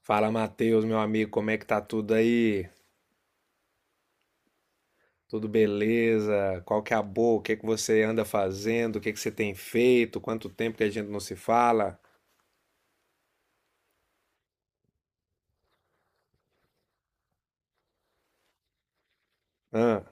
Fala, Matheus, meu amigo, como é que tá tudo aí? Tudo beleza? Qual que é a boa? O que é que você anda fazendo? O que é que você tem feito? Quanto tempo que a gente não se fala? Hã?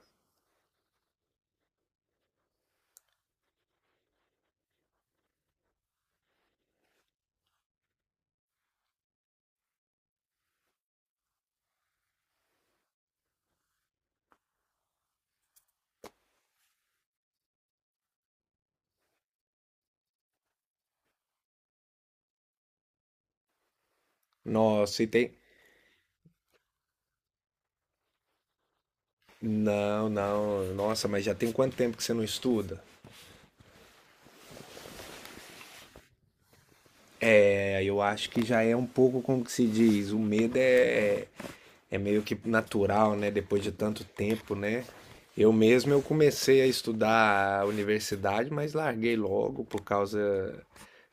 Nossa, e tem... Não, não, nossa, mas já tem quanto tempo que você não estuda? É, eu acho que já é um pouco como que se diz, o medo é meio que natural, né? Depois de tanto tempo, né? Eu mesmo eu comecei a estudar a universidade, mas larguei logo por causa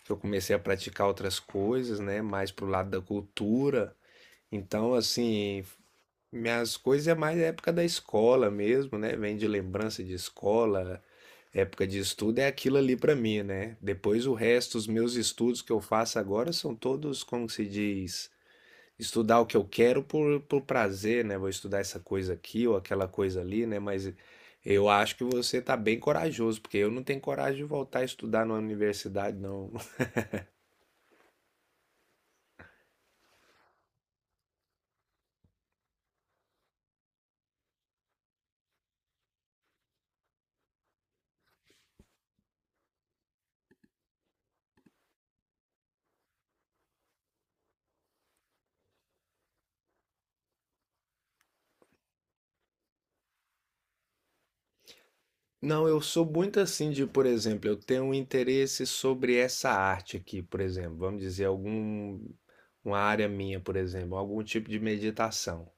que eu comecei a praticar outras coisas, né? Mais pro lado da cultura. Então, assim, minhas coisas é mais época da escola mesmo, né? Vem de lembrança de escola, época de estudo é aquilo ali pra mim, né? Depois o resto, os meus estudos que eu faço agora são todos, como se diz, estudar o que eu quero por prazer, né? Vou estudar essa coisa aqui ou aquela coisa ali, né? Mas eu acho que você tá bem corajoso, porque eu não tenho coragem de voltar a estudar na universidade, não. Não, eu sou muito assim de, por exemplo, eu tenho um interesse sobre essa arte aqui, por exemplo, vamos dizer, algum, uma área minha, por exemplo, algum tipo de meditação.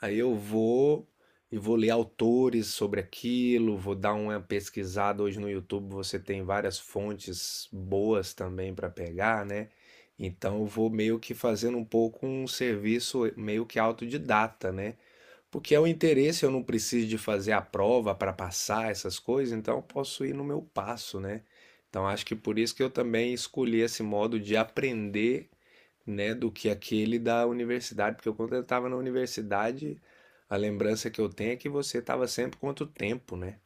Aí eu vou e vou ler autores sobre aquilo, vou dar uma pesquisada. Hoje no YouTube você tem várias fontes boas também para pegar, né? Então eu vou meio que fazendo um pouco um serviço meio que autodidata, né? Porque é o interesse, eu não preciso de fazer a prova para passar essas coisas, então eu posso ir no meu passo, né? Então acho que por isso que eu também escolhi esse modo de aprender, né, do que aquele da universidade, porque eu, quando eu estava na universidade, a lembrança que eu tenho é que você estava sempre contra o tempo, né?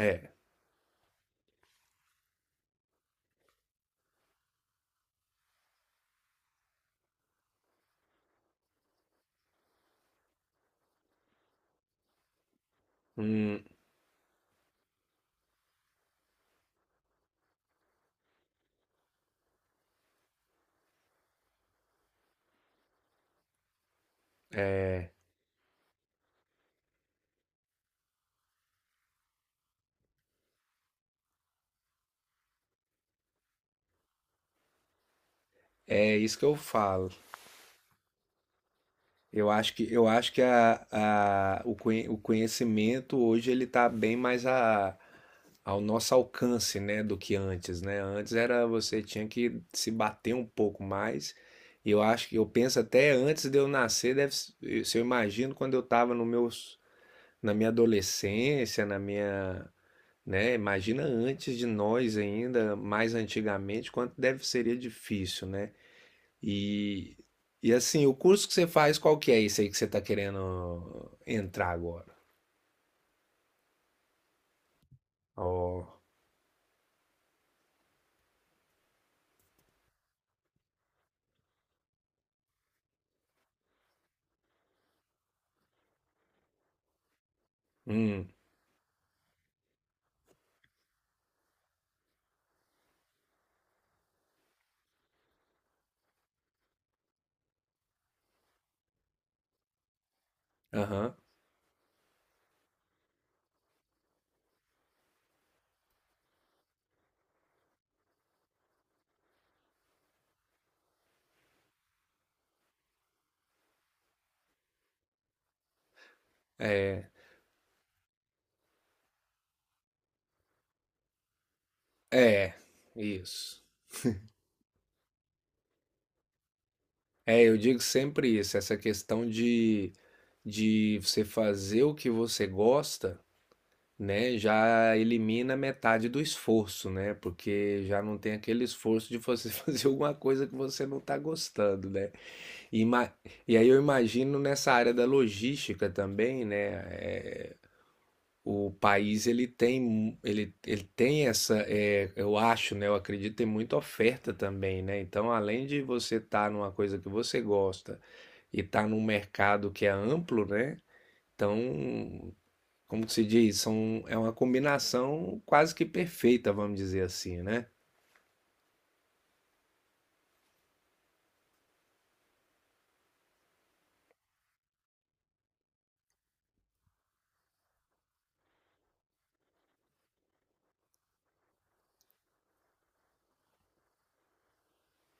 É, hum, é, é isso que eu falo. Eu acho que o conhecimento hoje ele está bem ao nosso alcance, né, do que antes, né? Antes era você tinha que se bater um pouco mais. E eu acho que eu penso até antes de eu nascer, deve, se eu imagino quando eu estava nos meus na minha adolescência, na minha, né, imagina antes de nós ainda, mais antigamente, quanto deve seria difícil, né? E e assim, o curso que você faz, qual que é esse aí que você está querendo entrar agora? Ó, hum, aham. É, é, isso. É, eu digo sempre isso, essa questão de você fazer o que você gosta, né, já elimina metade do esforço, né? Porque já não tem aquele esforço de você fazer alguma coisa que você não está gostando, né? E, ima- e aí eu imagino nessa área da logística também, né? É, o país ele tem mu- ele tem essa é, eu acho, né, eu acredito tem muita oferta também, né, então além de você estar numa coisa que você gosta e estar num mercado que é amplo, né, então como que se diz? São, é uma combinação quase que perfeita, vamos dizer assim, né?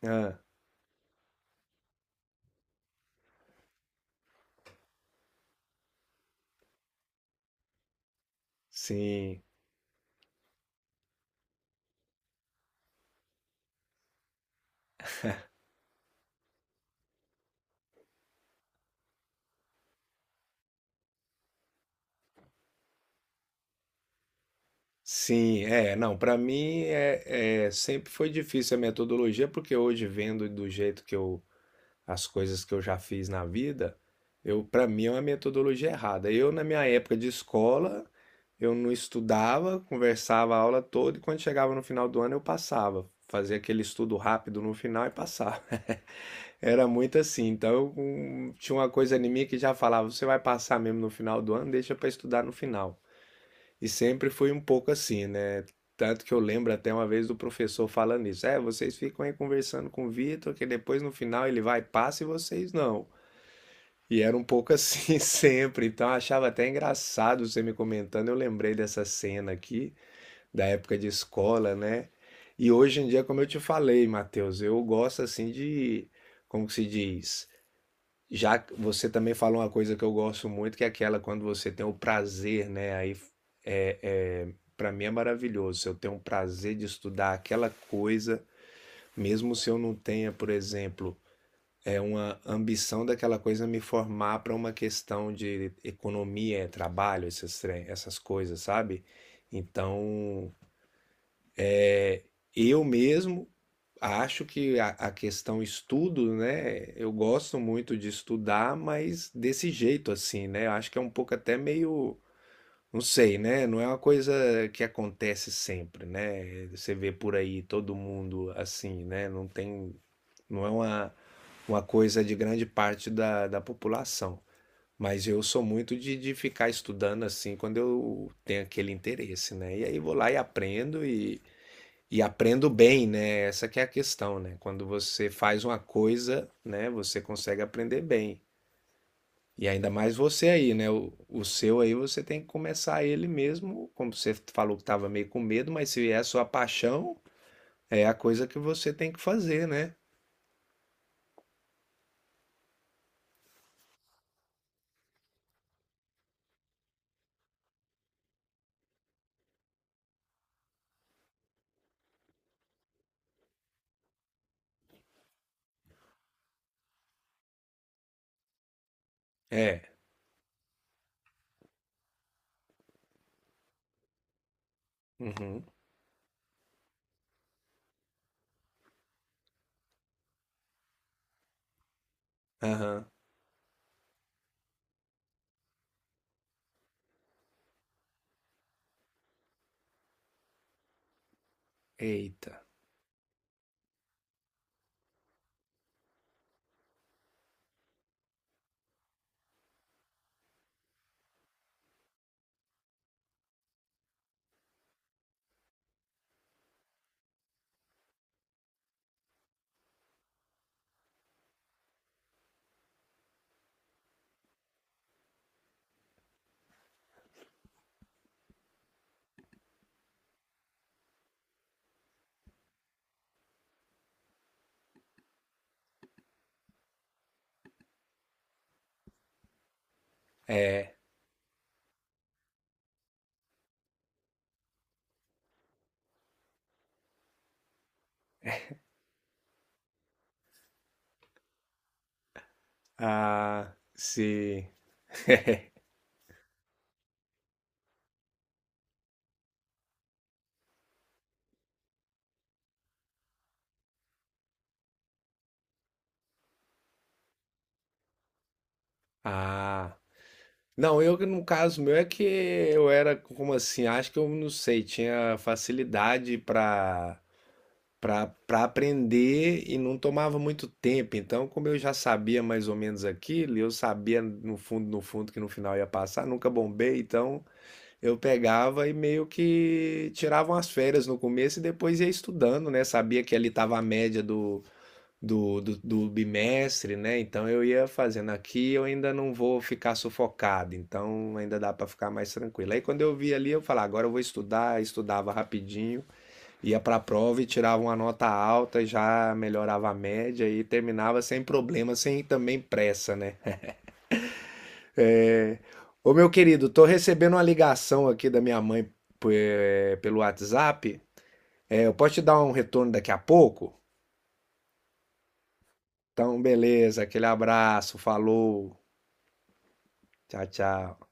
Ah, sim, sim, é. Não, para mim sempre foi difícil a metodologia, porque hoje vendo do jeito que eu, as coisas que eu já fiz na vida, eu, para mim é uma metodologia errada. Eu, na minha época de escola, eu não estudava, conversava a aula toda e quando chegava no final do ano eu passava. Fazia aquele estudo rápido no final e passava. Era muito assim. Então, tinha uma coisa em mim que já falava: você vai passar mesmo no final do ano, deixa para estudar no final. E sempre foi um pouco assim, né? Tanto que eu lembro até uma vez do professor falando isso: é, vocês ficam aí conversando com o Vitor, que depois no final ele vai, passa e vocês não. E era um pouco assim sempre, então eu achava até engraçado você me comentando. Eu lembrei dessa cena aqui, da época de escola, né? E hoje em dia, como eu te falei, Matheus, eu gosto assim de, como que se diz? Já você também falou uma coisa que eu gosto muito, que é aquela quando você tem o prazer, né? Aí é, para mim é maravilhoso. Se eu tenho o prazer de estudar aquela coisa, mesmo se eu não tenha, por exemplo, é uma ambição daquela coisa me formar para uma questão de economia, trabalho, essas coisas, sabe? Então, eu mesmo acho que a questão estudo, né? Eu gosto muito de estudar, mas desse jeito assim, né? Eu acho que é um pouco até meio, não sei, né? Não é uma coisa que acontece sempre, né? Você vê por aí todo mundo assim, né? Não tem, não é uma coisa de grande parte da população. Mas eu sou muito de ficar estudando assim quando eu tenho aquele interesse, né? E aí vou lá e aprendo bem, né? Essa que é a questão, né? Quando você faz uma coisa, né, você consegue aprender bem. E ainda mais você aí, né? O seu aí você tem que começar ele mesmo, como você falou que estava meio com medo, mas se é a sua paixão, é a coisa que você tem que fazer, né? É. Uhum. Aham. Eita. É. Ah, se. Ah. Não, eu que no caso meu é que eu era como assim, acho que eu não sei, tinha facilidade para para aprender e não tomava muito tempo. Então, como eu já sabia mais ou menos aquilo, e eu sabia no fundo, no fundo que no final ia passar, nunca bombei, então eu pegava e meio que tirava umas férias no começo e depois ia estudando, né? Sabia que ali estava a média do do bimestre, né? Então eu ia fazendo aqui, eu ainda não vou ficar sufocado, então ainda dá para ficar mais tranquilo. Aí quando eu vi ali, eu falava, agora eu vou estudar, estudava rapidinho, ia para a prova e tirava uma nota alta, já melhorava a média e terminava sem problema, sem também pressa, né? É... Ô meu querido, tô recebendo uma ligação aqui da minha mãe pelo WhatsApp. É, eu posso te dar um retorno daqui a pouco? Então, beleza, aquele abraço, falou, tchau, tchau.